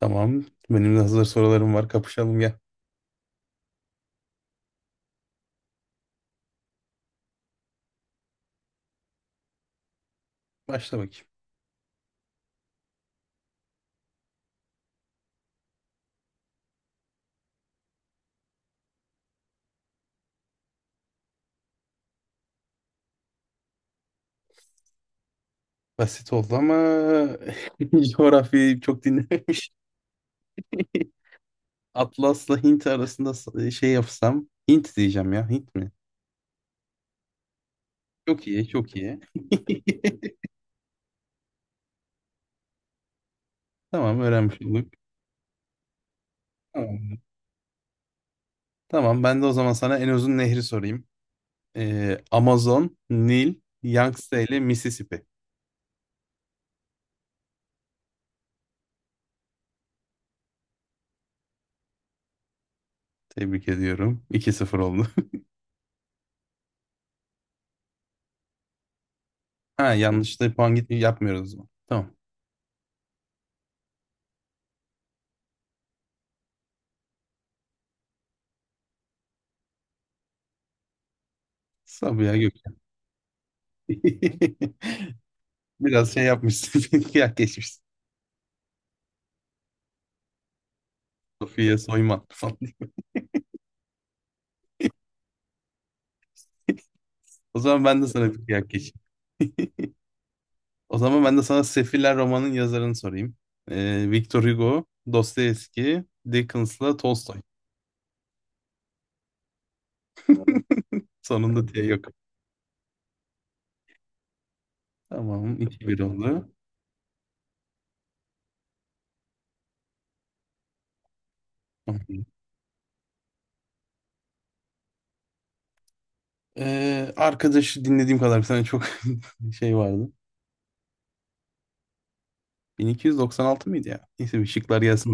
Tamam. Benim de hazır sorularım var. Kapışalım gel. Başla bakayım. Basit oldu ama coğrafyayı çok dinlememiş. Atlas'la Hint arasında şey yapsam. Hint diyeceğim ya. Hint mi? Çok iyi, çok iyi. Tamam, öğrenmiş olduk. Tamam. Tamam, ben de o zaman sana en uzun nehri sorayım. Amazon, Nil, Yangtze ile Mississippi. Tebrik ediyorum. 2 sıfır oldu. Ha yanlış da puan gitmiyor yapmıyoruz o zaman. Tamam. Sabiha Gökçen. Biraz şey yapmışsın. Kıyak geçmişsin. Sofya soyman falan. O zaman ben de sana bir kıyak geçeyim. O zaman ben de sana Sefiller romanın yazarını sorayım. Victor Hugo, Dostoyevski, Dickens'la Tolstoy. Sonunda diye yok. Tamam. iki bir oldu. Arkadaşı dinlediğim kadar bir tane çok şey vardı. 1296 mıydı ya? Neyse bir şıklar gelsin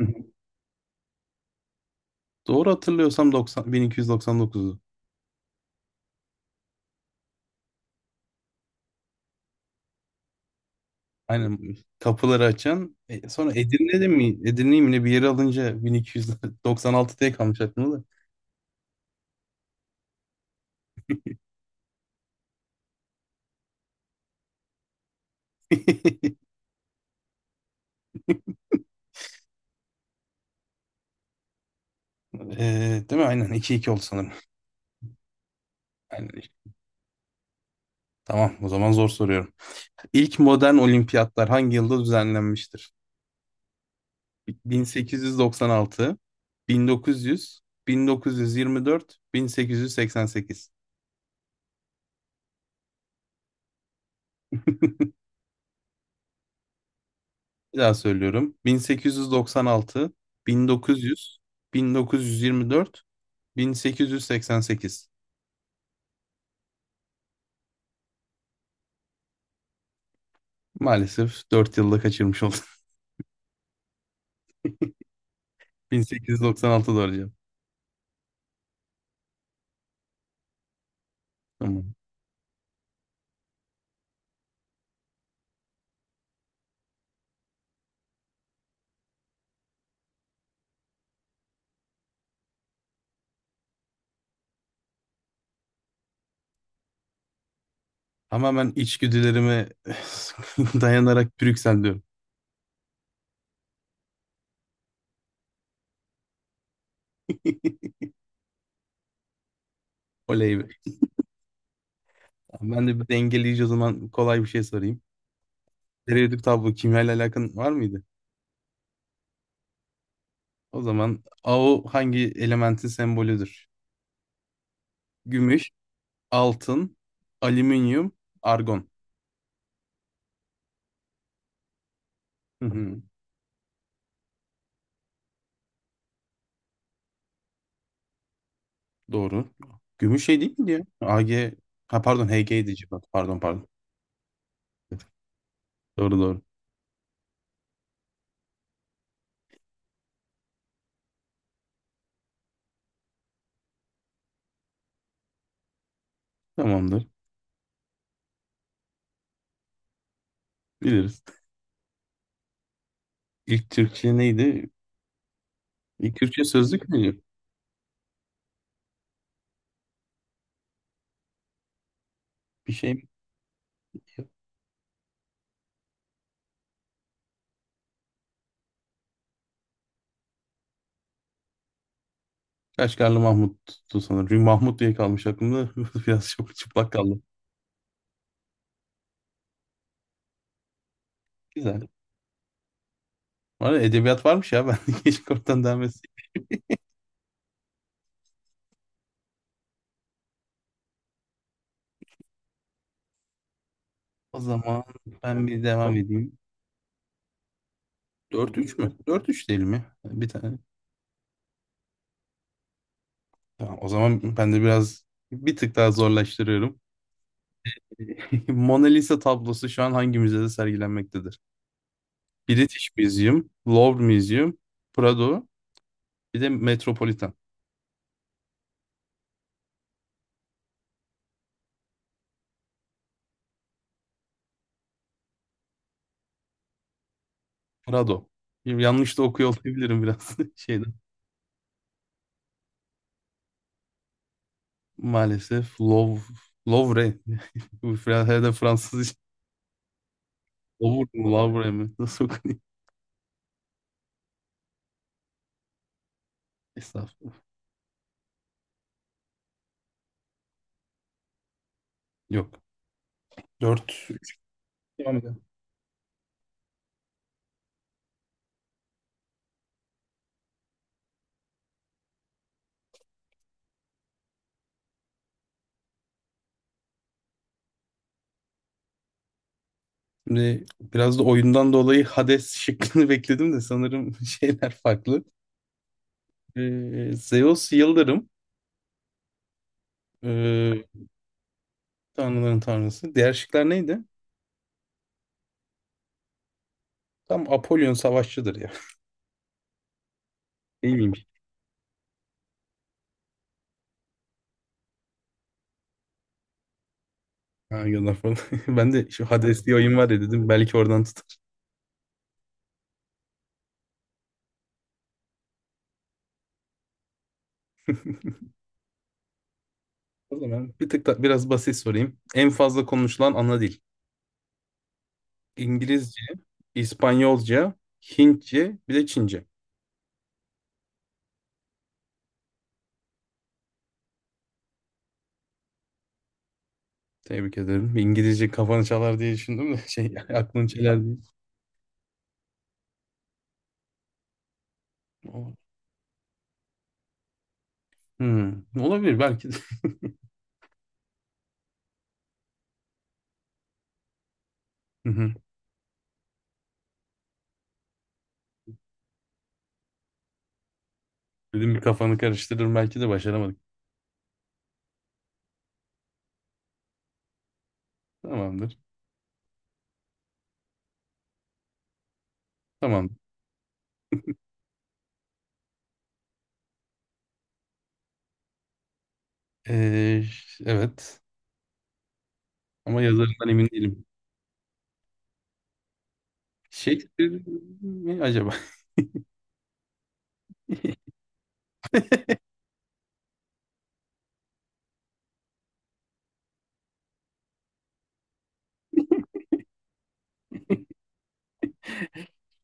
bakayım. Doğru hatırlıyorsam 90, 1299. Aynen, kapıları açan. Sonra Edirne'de mi? Edirne'yi mi ne bir yere alınca 1296 diye kalmış aklımda da. E, Değil mi? Aynen iki iki oldu sanırım. Aynen, işte. Tamam, o zaman zor soruyorum. İlk modern olimpiyatlar hangi yılda düzenlenmiştir? 1896, 1900, 1924, 1888. Bir daha söylüyorum. 1896, 1900, 1924, 1888. Maalesef 4 yılda kaçırmış oldum. Bin sekiz yüz doksan altı doğru arayacağım. Tamam. Tamamen içgüdülerime dayanarak Brüksel'deyim. Oley be. Tamam, ben de bir dengeleyici o zaman kolay bir şey sorayım. Periyodik tablo, kimyayla alakan var mıydı? O zaman AO hangi elementin sembolüdür? Gümüş, altın, alüminyum, argon. Hı hı, doğru. Gümüş şey değil miydi ya? AG, ha pardon HG'ydi, civat. Pardon, pardon. Pardon. Evet, doğru doğru. Tamamdır. Biliriz. İlk Türkçe neydi? Bir Türkçe sözlük müydü? Bir şey mi? Kaşgarlı Mahmut'tu sanırım. Çünkü Mahmut diye kalmış aklımda. Biraz çok çıplak kaldı. Güzel. Var ya, edebiyat varmış ya. Ben de keşke oradan devam etseydim. O zaman ben bir devam edeyim. Dört üç mü? Dört üç değil mi? Bir tane. Tamam, o zaman ben de biraz bir tık daha zorlaştırıyorum. Mona Lisa tablosu şu an hangi müzede sergilenmektedir? British Museum, Louvre Museum, Prado, bir de Metropolitan. Prado. Yanlış da okuyor olabilirim biraz şeyden. Maalesef Lovre. Bu herhalde Fransız iş. Lovre mi? Lovre mi? Nasıl okunuyor? Estağfurullah. Yok. Dört. Devam edelim. Şimdi biraz da oyundan dolayı Hades şıkkını bekledim de sanırım şeyler farklı. Zeus Yıldırım. ee, tanrıların tanrısı. Diğer şıklar neydi? Tam Apollon savaşçıdır ya. Değil miymiş? Ha, gönder falan. Ben de şu Hades diye oyun var ya dedim. Belki oradan tutar. O zaman bir tık da biraz basit sorayım. En fazla konuşulan ana dil. İngilizce, İspanyolca, Hintçe, bir de Çince. Tebrik ederim. İngilizce kafanı çalar diye düşündüm de şey aklını çeler diye. Hmm, olabilir belki de. Hı hı. Dedim bir kafanı karıştırır, belki de başaramadık. Tamamdır. Tamam. Ee, evet. Ama yazarından emin değilim. Shakespeare mi acaba?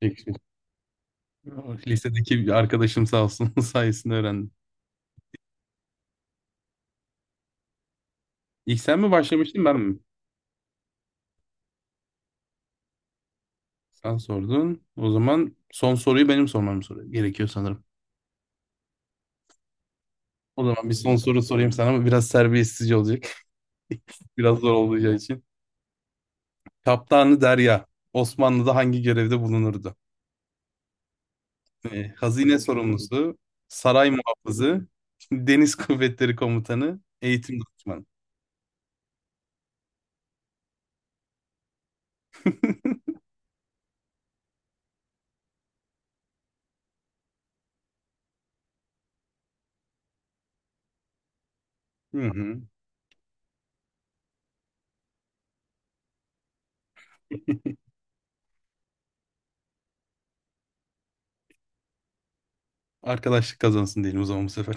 Shakespeare. Lisedeki bir arkadaşım sağ olsun sayesinde öğrendim. İlk sen mi başlamıştın, ben mi? Sen sordun. O zaman son soruyu benim sormam gerekiyor sanırım. O zaman bir son soru sorayım sana ama biraz serbestsizce olacak. Biraz zor olacağı için. Kaptanı Derya Osmanlı'da hangi görevde bulunurdu? Hazine sorumlusu, saray muhafızı, deniz kuvvetleri komutanı, eğitim danışmanı. Hı hı. Arkadaşlık kazansın diyelim o zaman bu sefer.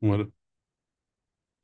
Umarım.